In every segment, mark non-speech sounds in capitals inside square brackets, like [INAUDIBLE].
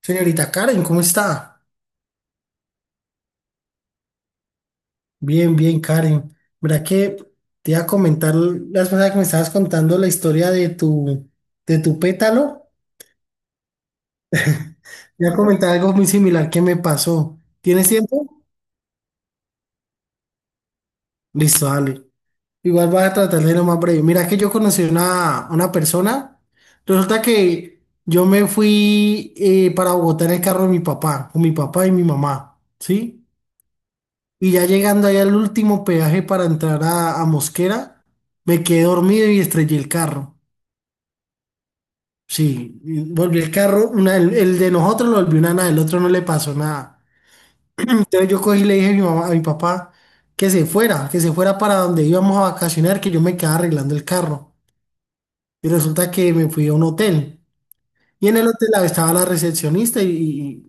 Señorita Karen, ¿cómo está? Bien, bien, Karen. Verá que te iba a comentar la vez pasada que me estabas contando la historia de tu pétalo. Te iba a comentar algo muy similar que me pasó. ¿Tienes tiempo? Listo, dale. Igual vas a tratar de lo más breve. Mira que yo conocí una persona. Resulta que yo me fui para Bogotá en el carro de mi papá, con mi papá y mi mamá, ¿sí? Y ya llegando ahí al último peaje para entrar a Mosquera, me quedé dormido y estrellé el carro. Sí, y volví el carro, el de nosotros lo volvió una nada, el otro no le pasó nada. Entonces yo cogí y le dije a mi mamá, a mi papá que se fuera para donde íbamos a vacacionar, que yo me quedaba arreglando el carro. Y resulta que me fui a un hotel. Y en el hotel estaba la recepcionista y,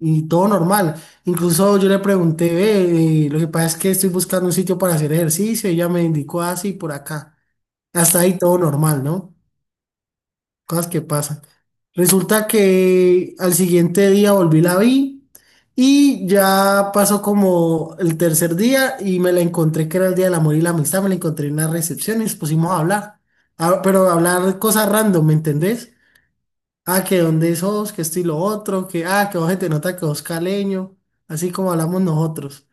y- y todo normal. Incluso yo le pregunté, "Ve, lo que pasa es que estoy buscando un sitio para hacer ejercicio". Ella me indicó así por acá. Hasta ahí todo normal, ¿no? Cosas que pasan. Resulta que al siguiente día volví, la vi, y ya pasó como el tercer día y me la encontré, que era el día del amor y la amistad. Me la encontré en una recepción y nos pusimos a hablar. Ah, pero a hablar cosas random, ¿me entendés? Ah, que dónde sos, que esto y lo otro, que que vos, se te nota que vos caleño, así como hablamos nosotros.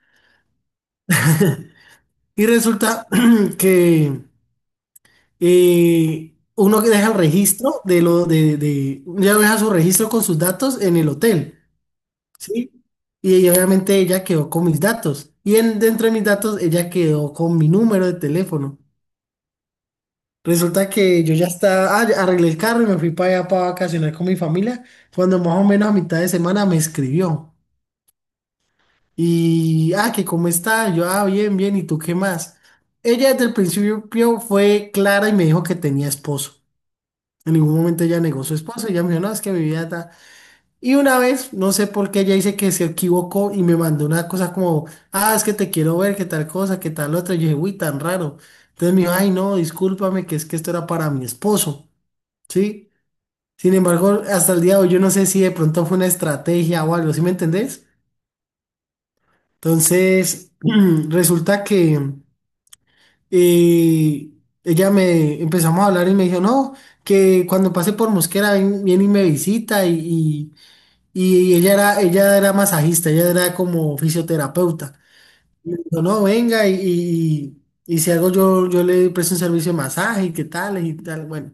Y resulta [CLEARS THROAT] que uno que deja el registro de ella deja su registro con sus datos en el hotel, ¿sí? Y ella, obviamente ella quedó con mis datos. Y dentro de mis datos ella quedó con mi número de teléfono. Resulta que yo ya estaba, ya arreglé el carro y me fui para allá para vacacionar con mi familia. Cuando más o menos a mitad de semana me escribió. Y, que cómo está, yo, bien, bien, ¿y tú qué más? Ella desde el principio fue clara y me dijo que tenía esposo. En ningún momento ella negó su esposo. Ella me dijo, "no, es que mi vida ta". Y una vez, no sé por qué, ella dice que se equivocó y me mandó una cosa como, es que te quiero ver, qué tal cosa, qué tal otra. Y yo dije, uy, tan raro. Entonces me dijo, ay, no, discúlpame, que es que esto era para mi esposo, ¿sí? Sin embargo, hasta el día de hoy, yo no sé si de pronto fue una estrategia o algo, ¿sí me entendés? Entonces, [CLEARS THROAT] resulta que eh, ella me empezamos a hablar y me dijo, no, que cuando pase por Mosquera viene y me visita y. Y ella era masajista, ella era como fisioterapeuta. No, no, venga y, y si algo yo, yo le presto un servicio de masaje y qué tal y tal, bueno.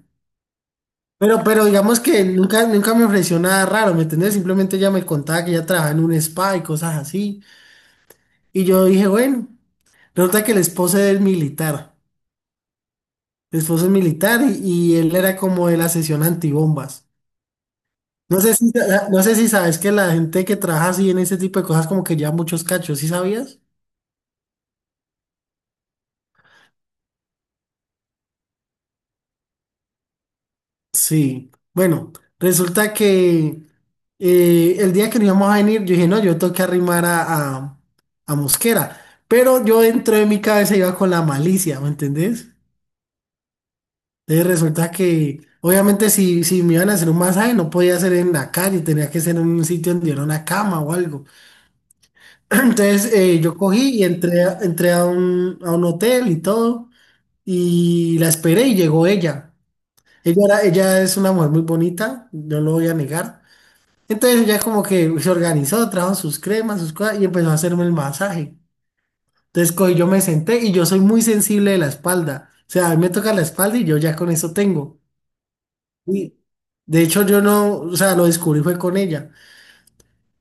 Pero digamos que nunca, nunca me ofreció nada raro, ¿me entendés? Simplemente ella me contaba que ella trabajaba en un spa y cosas así. Y yo dije, bueno, resulta que el esposo es militar, el esposo es militar, y él era como de la sesión antibombas. No sé si, no sé si sabes que la gente que trabaja así en ese tipo de cosas como que lleva muchos cachos, ¿sí sabías? Sí, bueno, resulta que el día que nos íbamos a venir, yo dije, no, yo tengo que arrimar a Mosquera, pero yo dentro de mi cabeza iba con la malicia, ¿me entendés? Entonces resulta que, obviamente, si me iban a hacer un masaje, no podía ser en la calle, tenía que ser en un sitio donde era una cama o algo. [CLEARS THROAT] Entonces yo cogí y entré, entré a un, hotel y todo, y la esperé y llegó ella. Ella es una mujer muy bonita, no lo voy a negar. Entonces, ya como que se organizó, trajo sus cremas, sus cosas y empezó a hacerme el masaje. Entonces cogí, yo me senté, y yo soy muy sensible de la espalda. O sea, a mí me toca la espalda y yo ya con eso tengo. Y de hecho yo no, o sea, lo descubrí fue con ella.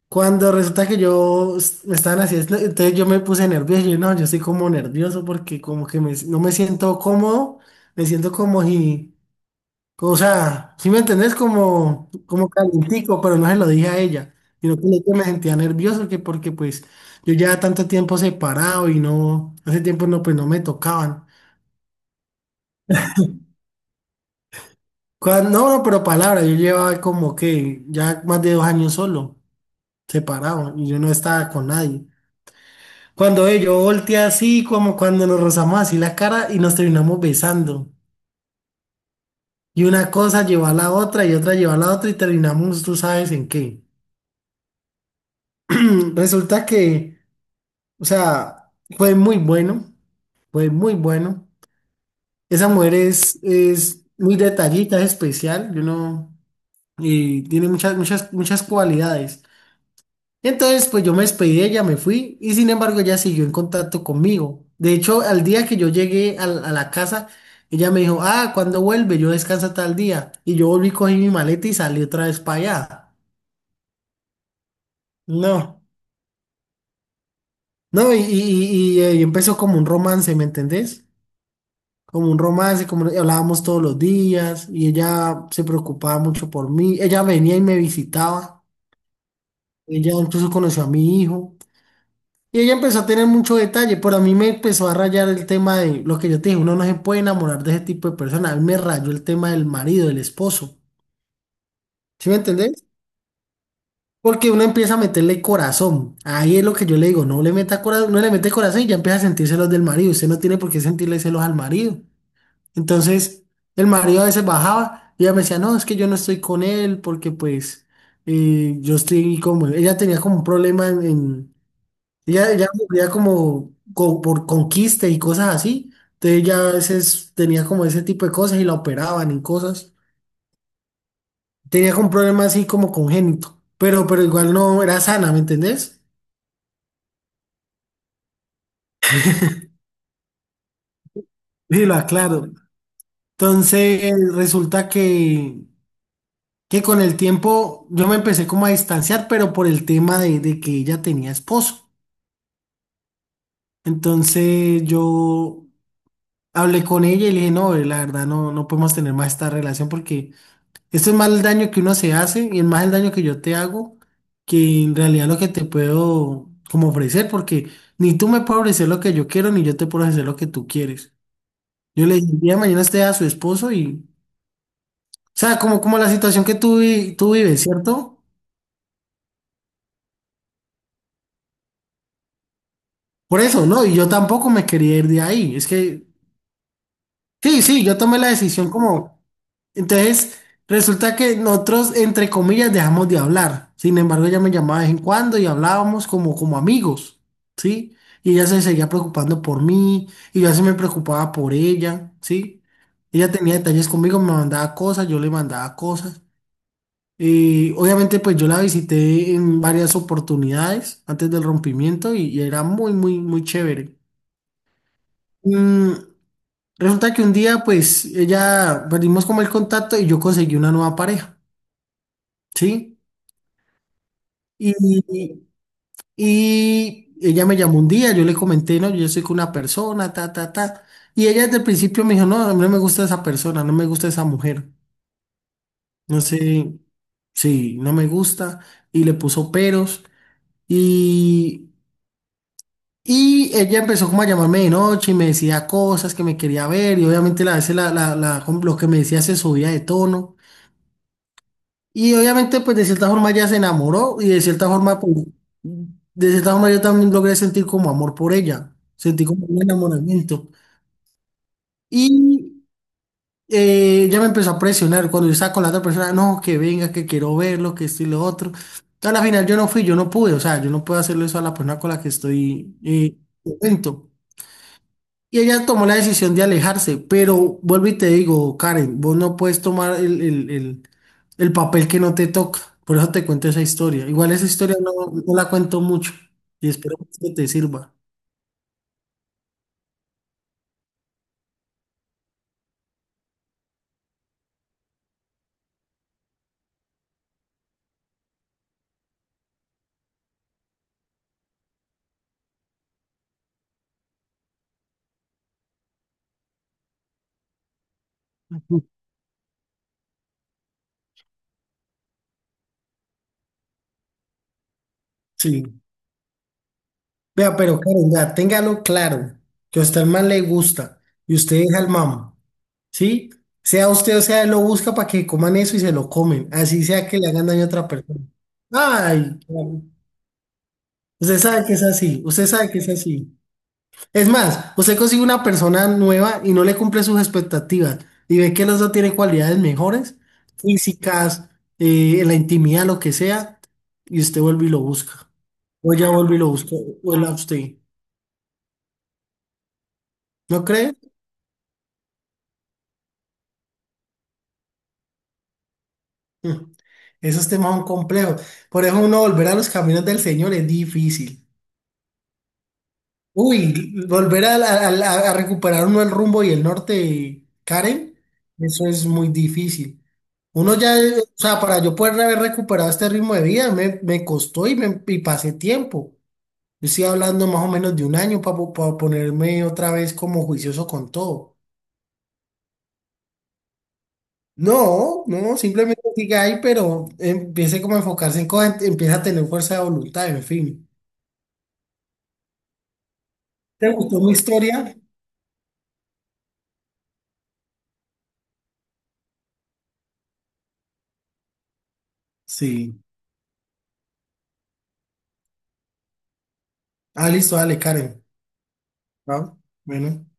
Cuando resulta que me estaban haciendo, entonces yo me puse nervioso. Yo no, yo estoy como nervioso porque como que no me siento cómodo, me siento como si, o sea, si me entendés, como, como calientico, pero no se lo dije a ella, sino que yo me sentía nervioso, que porque pues yo ya tanto tiempo separado y no, hace tiempo no, pues no me tocaban. No, no, pero palabra, yo llevaba como que ya más de 2 años solo, separado, y yo no estaba con nadie. Cuando yo volteé así, como cuando nos rozamos así la cara y nos terminamos besando. Y una cosa llevó a la otra y otra llevó a la otra y terminamos, tú sabes en qué. [CLEARS THROAT] Resulta que, o sea, fue muy bueno, fue muy bueno. Esa mujer es muy detallita, es especial, yo no, y tiene muchas, muchas, muchas cualidades. Entonces, pues yo me despedí de ella, me fui, y sin embargo ella siguió en contacto conmigo. De hecho, al día que yo llegué a la casa, ella me dijo, ¿cuándo vuelve? Yo descansa tal día. Y yo volví, cogí mi maleta y salí otra vez para allá. No, no, y, y empezó como un romance, ¿me entendés? Como un romance, como hablábamos todos los días y ella se preocupaba mucho por mí. Ella venía y me visitaba. Ella incluso conoció a mi hijo, y ella empezó a tener mucho detalle, pero a mí me empezó a rayar el tema de lo que yo te dije, uno no se puede enamorar de ese tipo de personas. A mí me rayó el tema del marido, del esposo. ¿Sí me entendés? Porque uno empieza a meterle corazón. Ahí es lo que yo le digo, no le meta corazón, no le mete corazón y ya empieza a sentir celos del marido. Usted no tiene por qué sentirle celos al marido. Entonces, el marido a veces bajaba y ella me decía, no, es que yo no estoy con él porque pues yo estoy como, ella tenía como un problema en, ella sufría como por conquista y cosas así. Entonces ella a veces tenía como ese tipo de cosas y la operaban y cosas. Tenía como un problema así como congénito, pero igual no era sana, ¿me entendés? Sí lo aclaro. Entonces, resulta que con el tiempo yo me empecé como a distanciar, pero por el tema de que ella tenía esposo. Entonces yo hablé con ella y le dije, no, la verdad no, no podemos tener más esta relación, porque esto es más el daño que uno se hace y es más el daño que yo te hago que en realidad lo que te puedo como ofrecer, porque ni tú me puedes ofrecer lo que yo quiero, ni yo te puedo ofrecer lo que tú quieres. Yo le dije, el día de mañana esté a su esposo y, o sea, como, como la situación que tú, tú vives, ¿cierto? Por eso, no, y yo tampoco me quería ir de ahí. Es que, sí, sí, yo tomé la decisión como, entonces, resulta que nosotros, entre comillas, dejamos de hablar. Sin embargo, ella me llamaba de vez en cuando y hablábamos como, como amigos, ¿sí? Y ella se seguía preocupando por mí, y yo así me preocupaba por ella, ¿sí? Ella tenía detalles conmigo, me mandaba cosas, yo le mandaba cosas. Y obviamente, pues yo la visité en varias oportunidades antes del rompimiento, y era muy, muy, muy chévere. Mm, Resulta que un día, pues, ella, perdimos como el contacto y yo conseguí una nueva pareja, ¿sí? Y, y- Ella me llamó un día, yo le comenté, no, yo soy con una persona, ta, ta, ta. Y ella desde el principio me dijo, no, a mí no me gusta esa persona, no me gusta esa mujer. No sé, sí, no me gusta. Y le puso peros. Y, y ella empezó como a llamarme de noche y me decía cosas que me quería ver. Y obviamente a veces lo que me decía se subía de tono. Y obviamente, pues de cierta forma ella se enamoró y de cierta forma, pues, de cierta forma yo también logré sentir como amor por ella, sentí como un enamoramiento. Y ella me empezó a presionar cuando yo estaba con la otra persona, no, que venga, que quiero verlo, que esto y lo otro. A la final yo no fui, yo no pude, o sea, yo no puedo hacerle eso a la persona con la que estoy, contento. Y ella tomó la decisión de alejarse, pero vuelvo y te digo, Karen, vos no puedes tomar el, el papel que no te toca. Por eso te cuento esa historia. Igual esa historia no, no la cuento mucho, y espero que te sirva. Sí. Vea, pero Karen, vea, téngalo claro, que a usted el man le gusta y usted deja al mam, ¿sí? Sea usted o sea, él lo busca para que coman eso y se lo comen, así sea que le hagan daño a otra persona. Ay, Karen, usted sabe que es así, usted sabe que es así. Es más, usted consigue una persona nueva y no le cumple sus expectativas, y ve que el otro tiene cualidades mejores, físicas, en la intimidad, lo que sea, y usted vuelve y lo busca. O ya vuelve y lo busca, o él a usted. ¿No cree? Mm, Esos temas son complejos. Por eso, uno volver a los caminos del Señor es difícil. Uy, volver a recuperar uno el rumbo y el norte, Karen, eso es muy difícil. Uno ya, o sea, para yo poder haber recuperado este ritmo de vida, me, costó y pasé tiempo. Yo estoy hablando más o menos de un año para ponerme otra vez como juicioso con todo. No, no, simplemente siga ahí, pero empiece como a enfocarse en cosas, empieza a tener fuerza de voluntad, en fin. ¿Te gustó mi historia? Sí. Ah, listo, dale, Karen. Ah, bueno.